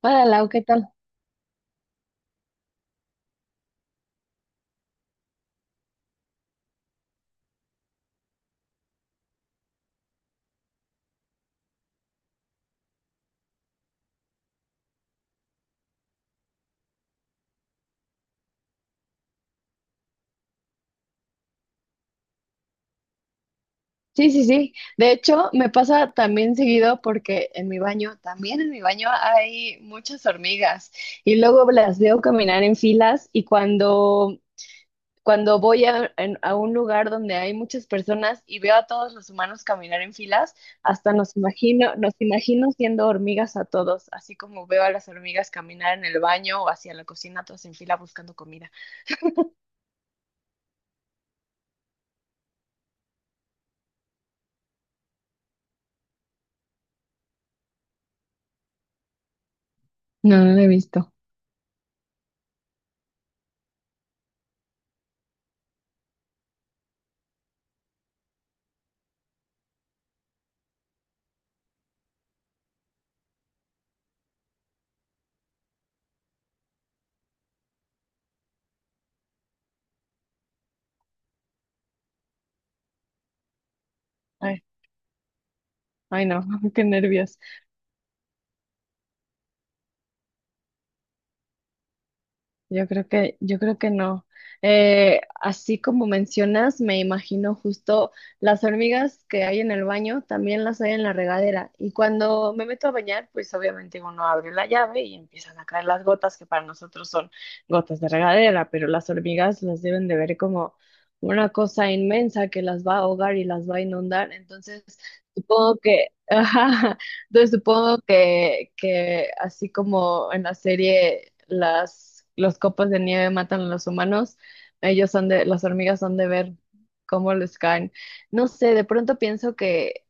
Hola, Lau, ¿qué tal? Sí, sí, sí. De hecho, me pasa también seguido porque en mi baño, también en mi baño hay muchas hormigas y luego las veo caminar en filas y cuando voy a un lugar donde hay muchas personas y veo a todos los humanos caminar en filas, hasta nos imagino siendo hormigas a todos, así como veo a las hormigas caminar en el baño o hacia la cocina, todas en fila buscando comida. No, no lo he visto. Ay, ay, no, qué nervios. Yo creo que no. Así como mencionas, me imagino justo las hormigas que hay en el baño, también las hay en la regadera. Y cuando me meto a bañar, pues obviamente uno abre la llave y empiezan a caer las gotas, que para nosotros son gotas de regadera, pero las hormigas las deben de ver como una cosa inmensa que las va a ahogar y las va a inundar. Entonces, supongo que, Entonces supongo que así como en la serie las los copos de nieve matan a los humanos, ellos son de, las hormigas son de ver cómo les caen. No sé, de pronto pienso que,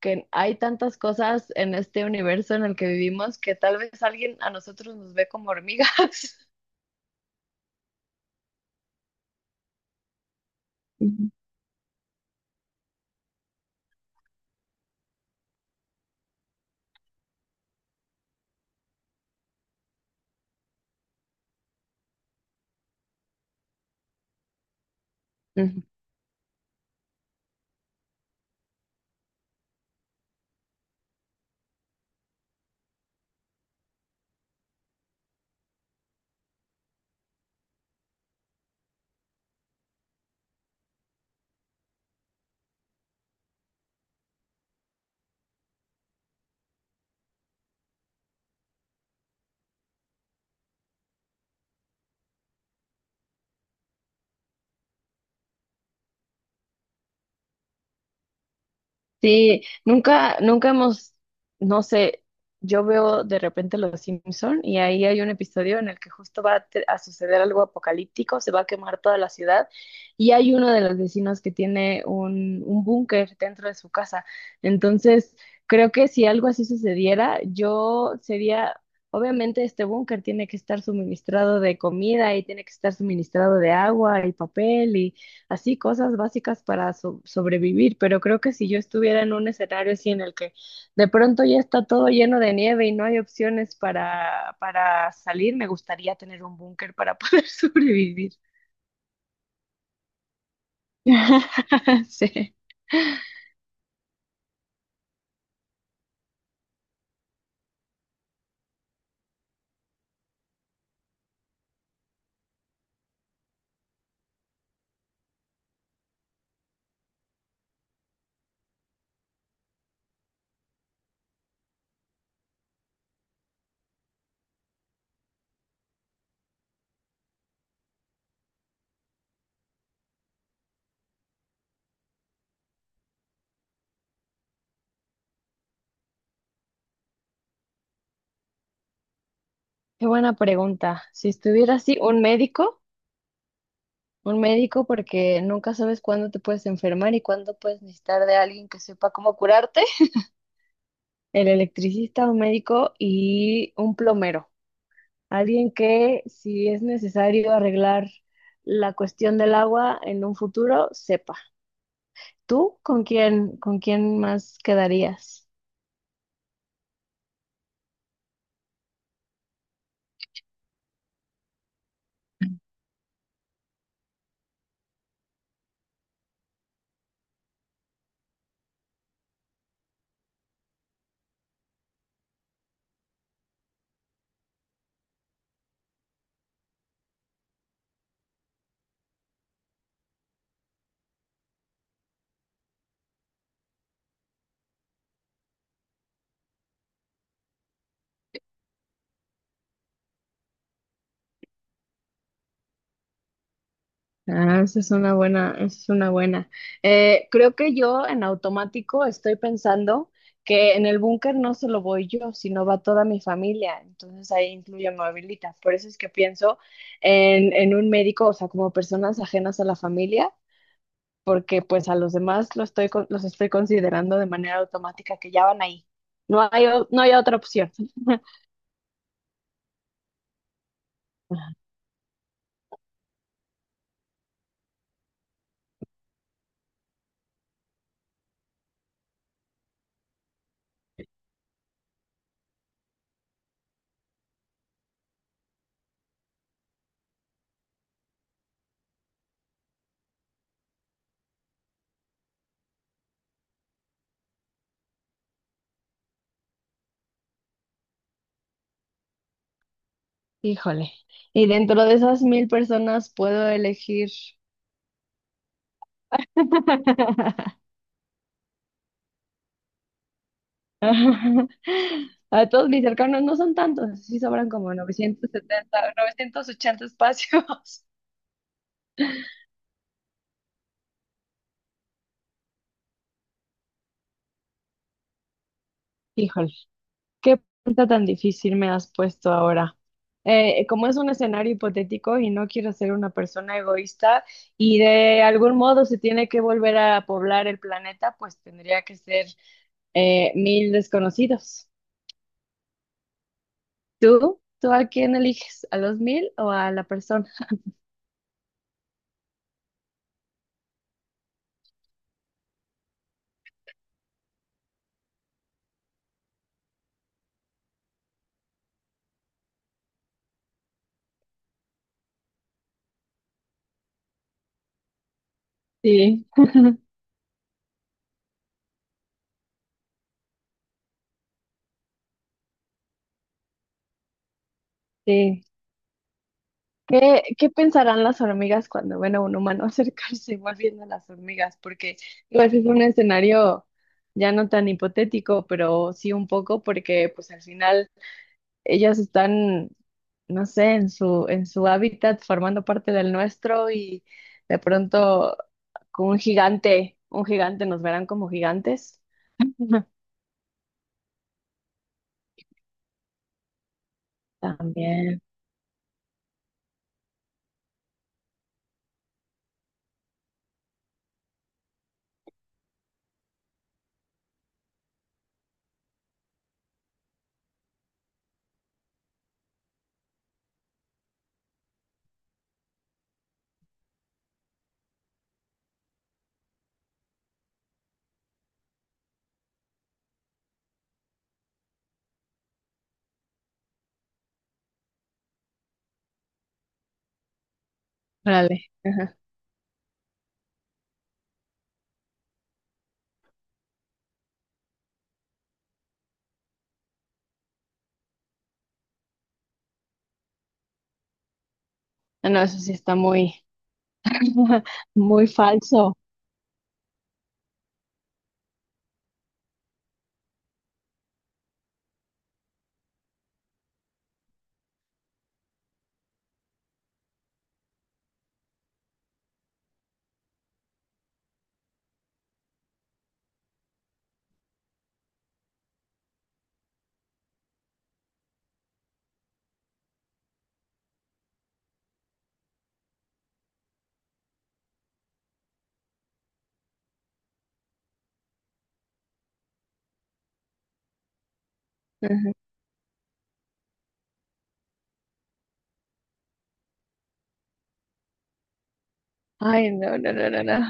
que hay tantas cosas en este universo en el que vivimos que tal vez alguien a nosotros nos ve como hormigas. Ujú. Ujú. Sí, nunca hemos, no sé, yo veo de repente Los Simpson y ahí hay un episodio en el que justo a suceder algo apocalíptico, se va a quemar toda la ciudad y hay uno de los vecinos que tiene un búnker dentro de su casa. Entonces, creo que si algo así sucediera, yo sería, obviamente este búnker tiene que estar suministrado de comida y tiene que estar suministrado de agua y papel así cosas básicas para sobrevivir, pero creo que si yo estuviera en un escenario así en el que de pronto ya está todo lleno de nieve y no hay opciones para salir, me gustaría tener un búnker para poder sobrevivir. Sí, qué buena pregunta. Si estuviera así, un médico porque nunca sabes cuándo te puedes enfermar y cuándo puedes necesitar de alguien que sepa cómo curarte, el electricista, un médico y un plomero. Alguien que, si es necesario arreglar la cuestión del agua en un futuro, sepa. ¿Tú con quién más quedarías? Ah, esa es una buena, esa es una buena. Creo que yo en automático estoy pensando que en el búnker no solo voy yo, sino va toda mi familia. Entonces ahí incluye a mi abuelita. Por eso es que pienso en un médico, o sea, como personas ajenas a la familia porque pues a los demás los estoy considerando de manera automática que ya van ahí. No hay otra opción. Ajá. Híjole. Y dentro de esas 1,000 personas puedo elegir. A todos mis cercanos no son tantos, sí sobran como 970 980 espacios. Híjole. Qué pregunta tan difícil me has puesto ahora. Como es un escenario hipotético y no quiero ser una persona egoísta y de algún modo se tiene que volver a poblar el planeta, pues tendría que ser 1,000 desconocidos. ¿Tú? ¿Tú a quién eliges? ¿A los 1,000 o a la persona? Sí, sí. ¿Qué pensarán las hormigas cuando ven a un humano acercarse igual viendo a las hormigas? Porque igual es un escenario ya no tan hipotético, pero sí un poco, porque pues al final ellas están, no sé, en su hábitat formando parte del nuestro y de pronto con un gigante nos verán como gigantes. También, órale. Ajá. Ah, no, eso sí está muy, muy falso. Ajá. Ay, no, no, no, no, no.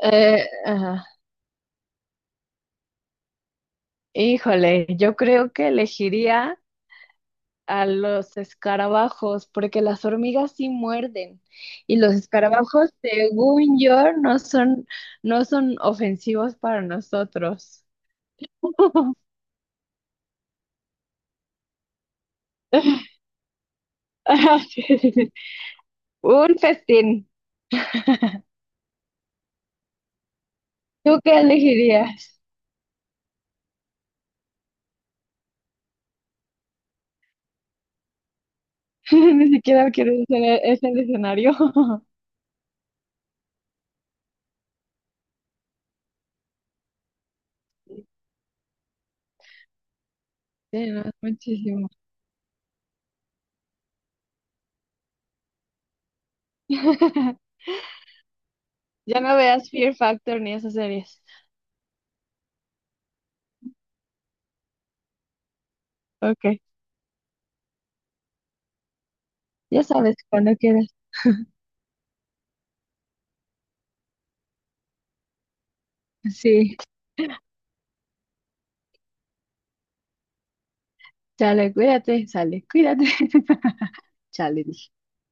Ajá. Híjole, yo creo que elegiría a los escarabajos, porque las hormigas sí muerden. Y los escarabajos, según yo, no son ofensivos para nosotros. Ajá, sí. sí, sí. Un festín. ¿Tú qué elegirías? Ni siquiera quiero ese escenario. Sí, no, muchísimo. Ya no veas Fear Factor ni esas series. Ok, ya sabes cuando quieras. Sí, chale, cuídate, sale, cuídate. Chale, dije.